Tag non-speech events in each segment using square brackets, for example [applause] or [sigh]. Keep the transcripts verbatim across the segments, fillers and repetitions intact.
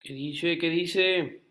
¿Qué dice? ¿Qué dice?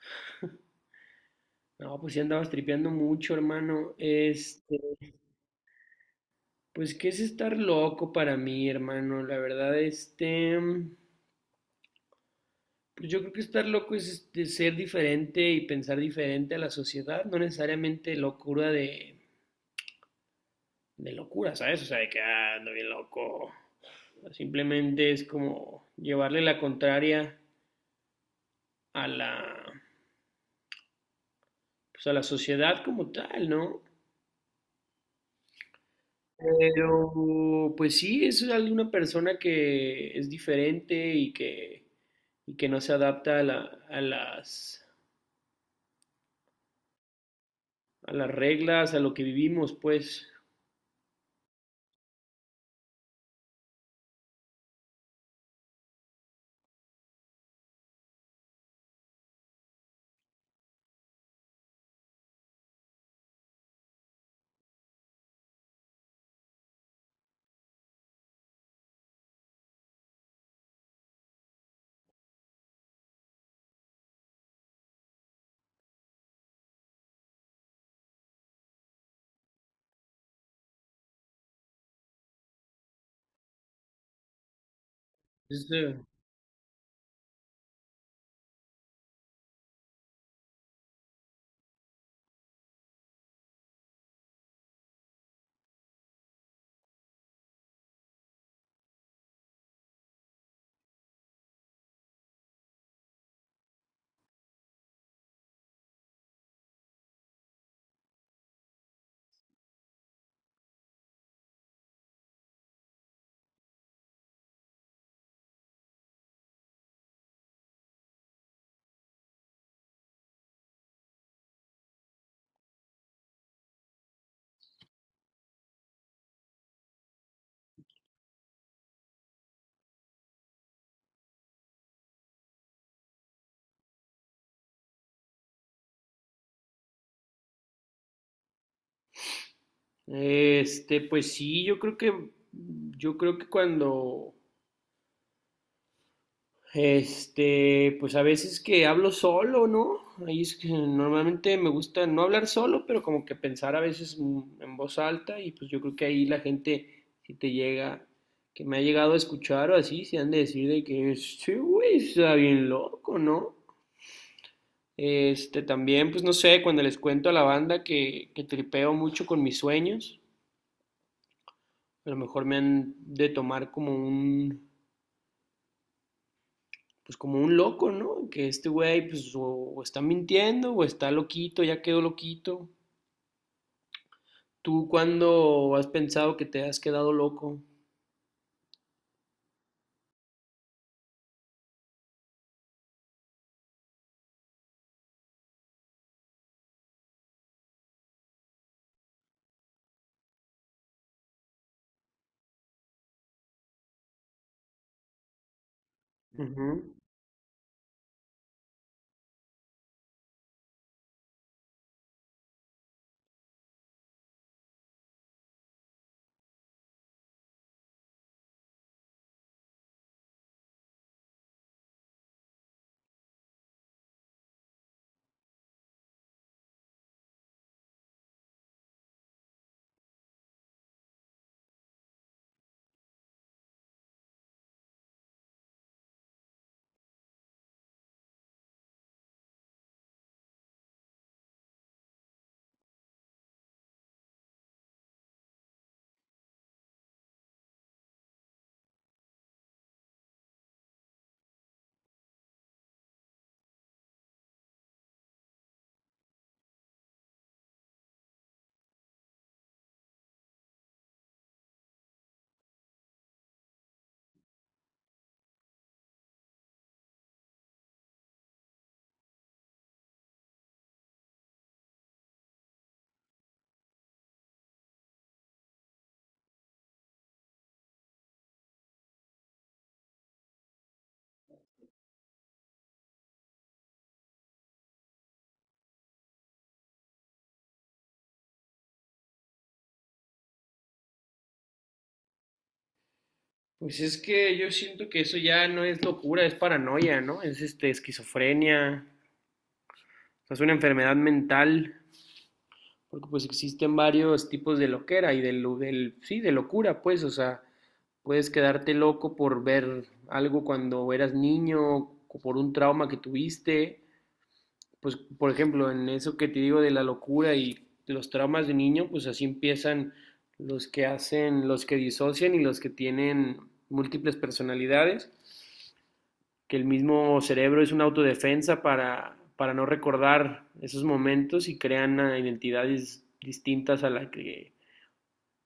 [laughs] No, pues ya andabas tripeando mucho, hermano. Este, pues qué es estar loco para mí, hermano. La verdad, este, pues yo creo que estar loco es este, ser diferente y pensar diferente a la sociedad, no necesariamente locura de, de locura, ¿sabes? O sea, de que ah, ando bien loco. Simplemente es como llevarle la contraria a la, pues a la sociedad como tal, ¿no? Pero, pues sí, es alguna persona que es diferente y que, y que no se adapta a la- a las, a las reglas, a lo que vivimos, pues. Este, este, pues sí, yo creo que, yo creo que cuando, Este, pues a veces que hablo solo, ¿no? Ahí es que normalmente me gusta no hablar solo, pero como que pensar a veces mm, en voz alta y pues yo creo que ahí la gente, si te llega, que me ha llegado a escuchar o así, se han de decir de que sí, güey, sí está bien loco, ¿no? Este, también, pues no sé, cuando les cuento a la banda que, que tripeo mucho con mis sueños, a lo mejor me han de tomar como un, pues como un loco, ¿no? Que este güey pues o, o está mintiendo o está loquito, ya quedó loquito. ¿Tú cuándo has pensado que te has quedado loco? Ujú. Pues es que yo siento que eso ya no es locura, es paranoia, ¿no? Es este esquizofrenia, o sea, es una enfermedad mental. Porque pues existen varios tipos de loquera y del, del, sí, de locura, pues, o sea, puedes quedarte loco por ver algo cuando eras niño, o por un trauma que tuviste, pues, por ejemplo, en eso que te digo de la locura y los traumas de niño, pues así empiezan los que hacen, los que disocian y los que tienen múltiples personalidades, que el mismo cerebro es una autodefensa para, para no recordar esos momentos y crean identidades distintas a la que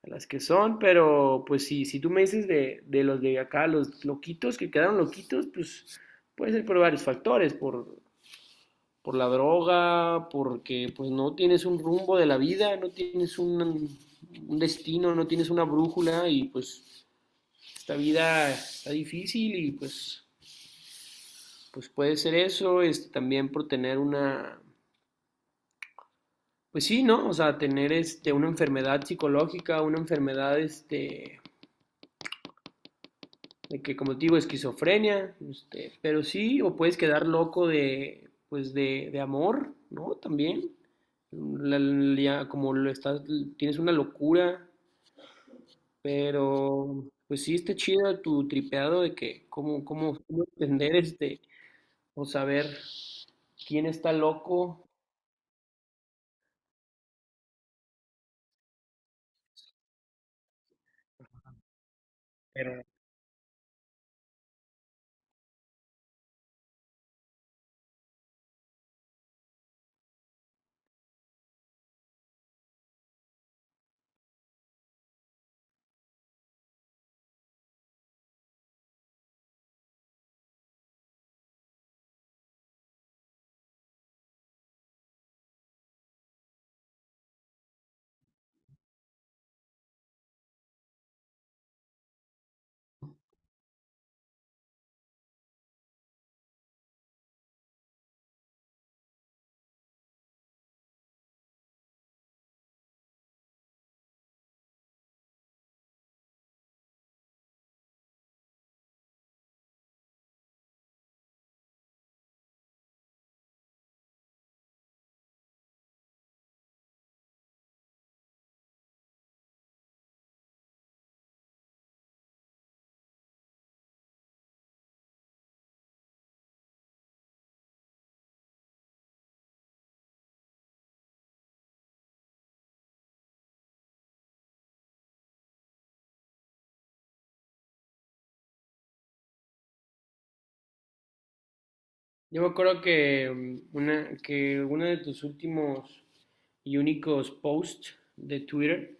a las que son, pero pues sí, si tú me dices de, de los de acá, los loquitos que quedaron loquitos, pues puede ser por varios factores, por, por la droga, porque pues no tienes un rumbo de la vida, no tienes un, un destino, no tienes una brújula y pues esta vida está difícil y pues, pues puede ser eso, es también por tener una, pues sí, ¿no? O sea, tener este, una enfermedad psicológica, una enfermedad este, de que como te digo, esquizofrenia, este, pero sí, o puedes quedar loco de, pues de, de amor, ¿no? También, la- la- como lo estás, tienes una locura, pero pues sí, está chido tu tripeado de que, cómo, cómo, cómo entender este, o saber quién está loco, pero yo me acuerdo que mm, una, que uno de tus últimos y únicos posts de Twitter,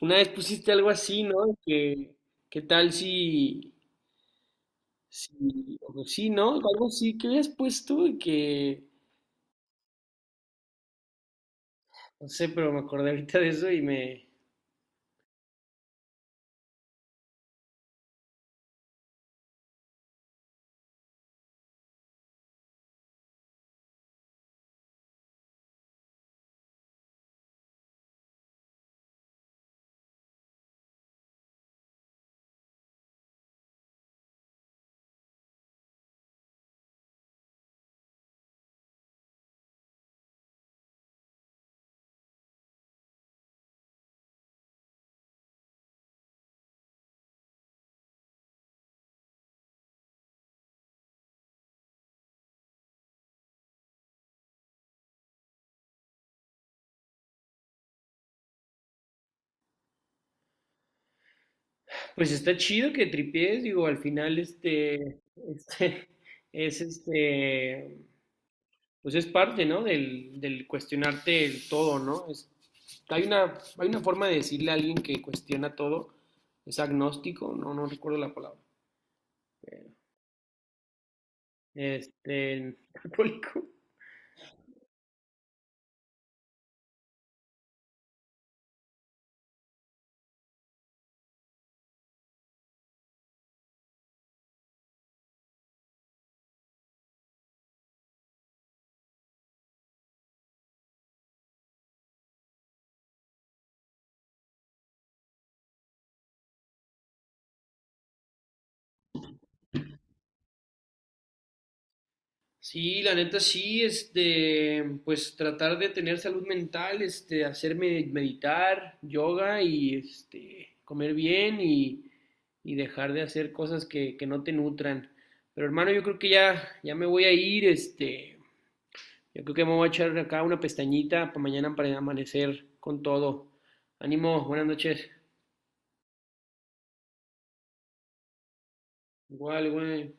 una vez pusiste algo así, ¿no? Que, ¿qué tal si, si, o pues sí, ¿no? Algo así que habías puesto y que, no sé, pero me acordé ahorita de eso y me, pues está chido que tripies, digo, al final este, este, [laughs] es este, pues es parte, ¿no? Del, del cuestionarte el todo, ¿no? Es, hay una, hay una forma de decirle a alguien que cuestiona todo, es agnóstico, no, no recuerdo la palabra, este, [laughs] católico. Sí, la neta sí, este, pues tratar de tener salud mental, este, hacerme meditar, yoga y este, comer bien y, y dejar de hacer cosas que, que no te nutran. Pero hermano, yo creo que ya, ya me voy a ir, este, yo creo que me voy a echar acá una pestañita para mañana para amanecer con todo. Ánimo, buenas noches. Igual, güey.